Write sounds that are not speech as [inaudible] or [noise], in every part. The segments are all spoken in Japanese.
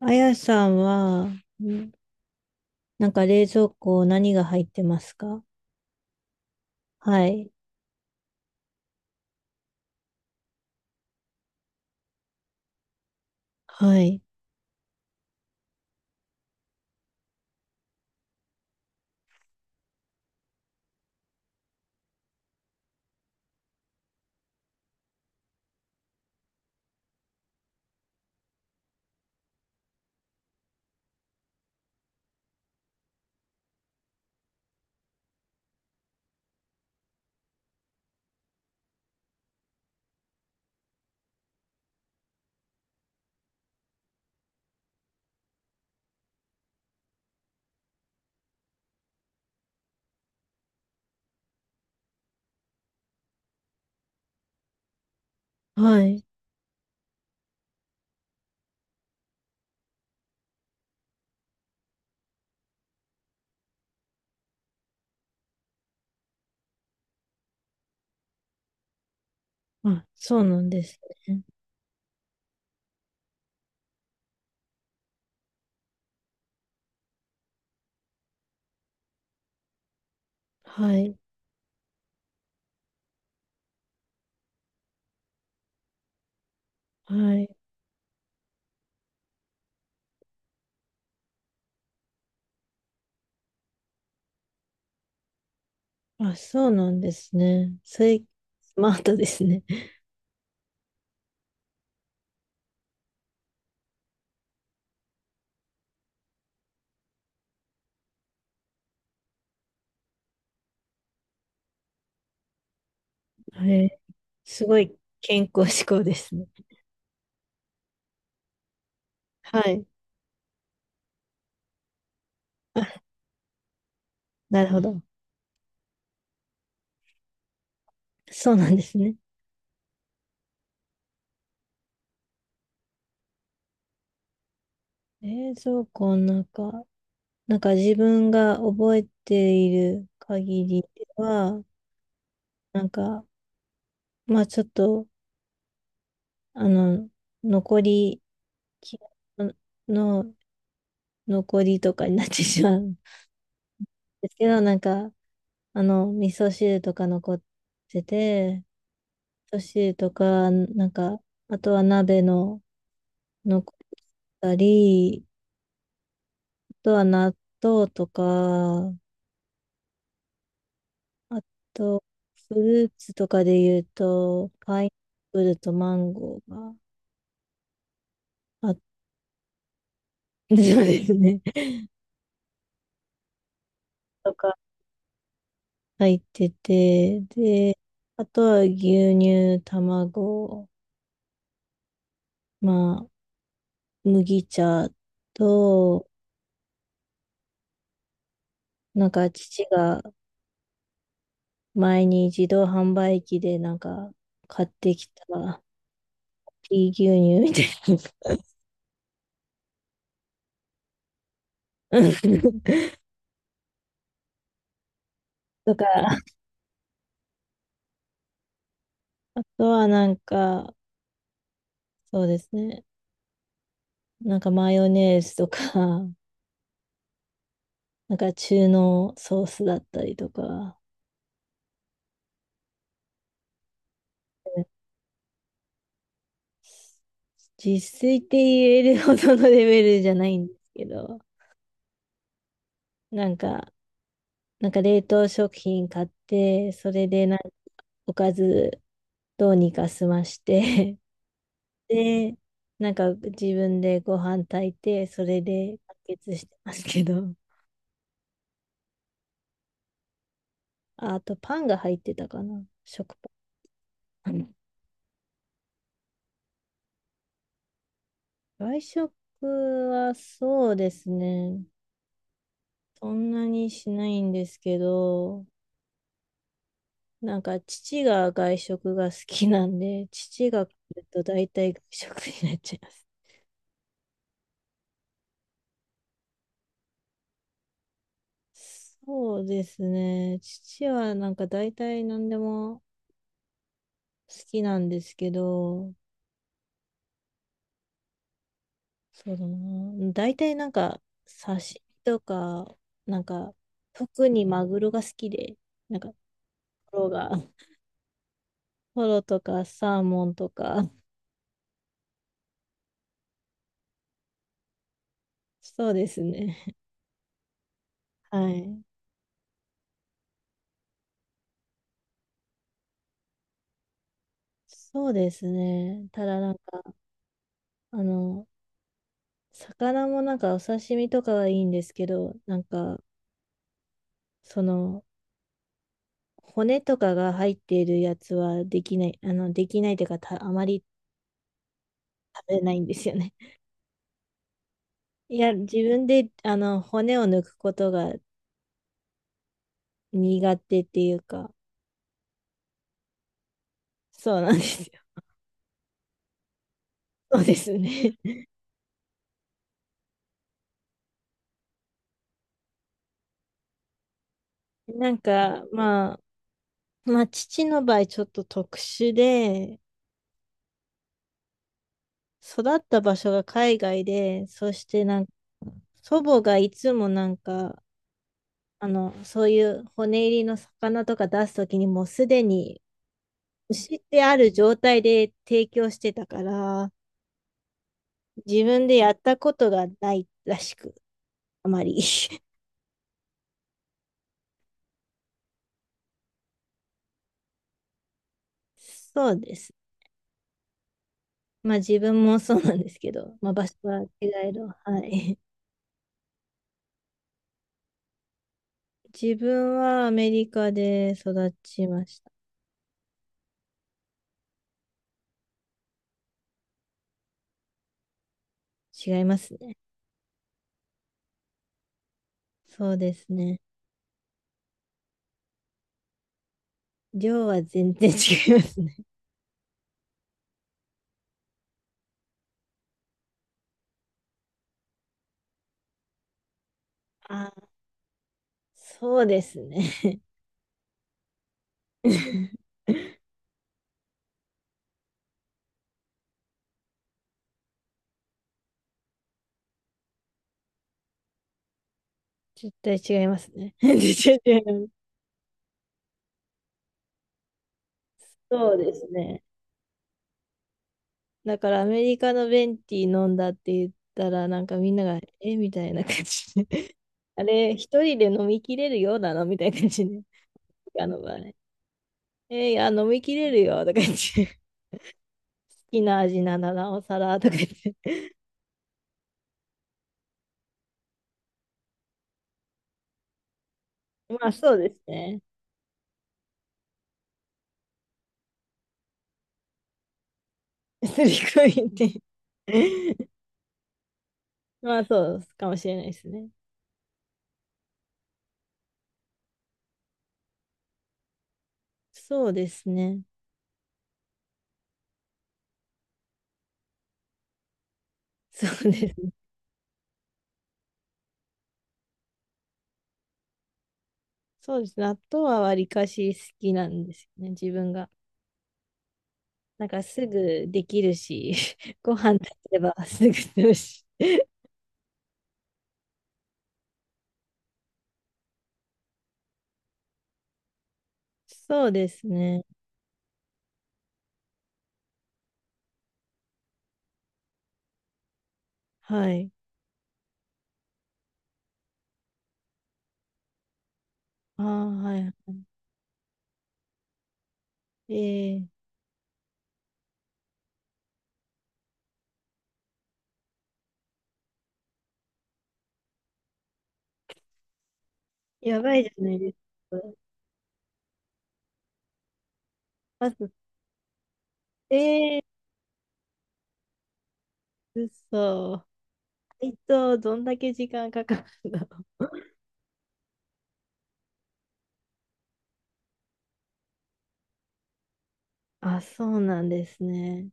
あやさんは、んなんか冷蔵庫何が入ってますか？はい。はい。はい。あ、そうなんですね。はい。はい。あ、そうなんですね。それ、スマートですね。[laughs] はい。すごい健康志向ですね。はい。あ、なるほど。そうなんですね。冷蔵庫の中、なんか自分が覚えている限りでは、なんか、まあちょっと、あの、残り気の残りとかになってしまうん [laughs] ですけど、なんか、あの、味噌汁とか残ってて、味噌汁とか、なんか、あとは鍋の残ったり、あとは納豆とか、あと、フルーツとかで言うと、パイナップルとマンゴーがあってですね。[laughs] とか入ってて、で、あとは牛乳、卵、まあ、麦茶と、なんか父が前に自動販売機でなんか買ってきたピー牛乳みたいなうんとか、あとはなんか、そうですね。なんかマヨネーズとか、なんか中濃ソースだったりとか、実炊って言えるほどのレベルじゃないんですけど、なんかなんか冷凍食品買って、それでなんかおかずどうにか済まして [laughs] で、なんか自分でご飯炊いて、それで完結してますけど。あ、あとパンが入ってたかな。食パン。外食はそうですね。そんなにしないんですけど、なんか父が外食が好きなんで、父が来ると大体外食になっちゃいます。そうですね。父はなんか大体何でも好きなんですけど、そうだな。大体なんか刺身とか、なんか特にマグロが好きで、なんかトロが、トロとかサーモンとか、そうですね。はい。そうですね。ただなんか、あの、魚もなんかお刺身とかはいいんですけど、なんか、その、骨とかが入っているやつはできない、あの、できないというか、あまり食べないんですよね。[laughs] いや、自分で、あの、骨を抜くことが苦手っていうか、そうなんですよ。[laughs] そうですね。[laughs] なんか、まあ、まあ、父の場合、ちょっと特殊で、育った場所が海外で、そしてなんか、祖母がいつもなんか、あの、そういう骨入りの魚とか出すときにもうすでにしてある状態で提供してたから、自分でやったことがないらしく、あまり。[laughs] そうです。まあ自分もそうなんですけど、まあ場所は違えど、はい。自分はアメリカで育ちました。違いますね。そうですね。量は全然違いますね。あ、そうですね。[laughs] 絶対違いますね。[laughs] 絶対違います。そうですね。だからアメリカのベンティー飲んだって言ったら、なんかみんなが、えみたいな感じで。[laughs] あれ、一人で飲みきれるようなのみたいな感じで。あの場合。いや、飲みきれるよとか言って。好きな味ならなおさらとか言って。まあそうですね。すり込みて。[laughs] まあそうかもしれないですね。そうですね。そうですね。そうですね。納豆はわりかし好きなんですよね。自分が。なんかすぐできるし、[laughs] ご飯炊けばすぐするし。[laughs] そうですね。はい。ああ、はいはい。ええ、やばいじゃないですか。まず、ええー、嘘。配当どんだけ時間かかるんだろう。[laughs] あ、そうなんですね。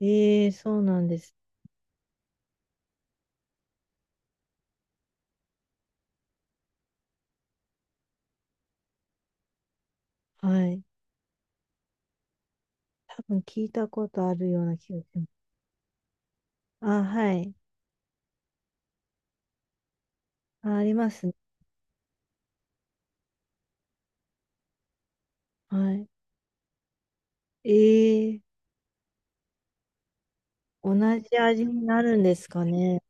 ええ、そうなんです。はい。多分聞いたことあるような気がします。あ、はい。あ、ありますね。はい。ええ、同じ味になるんですかね。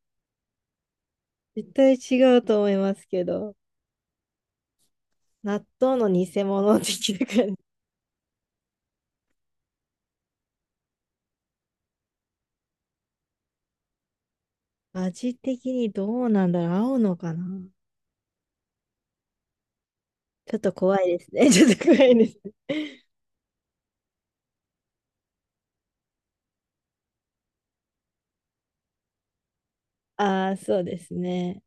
絶対違うと思いますけど、納豆の偽物的な感じ。味的にどうなんだろう、合うのかな？ちょっと怖いですね。[laughs] ちょっと怖いですね。ああ、そうですね。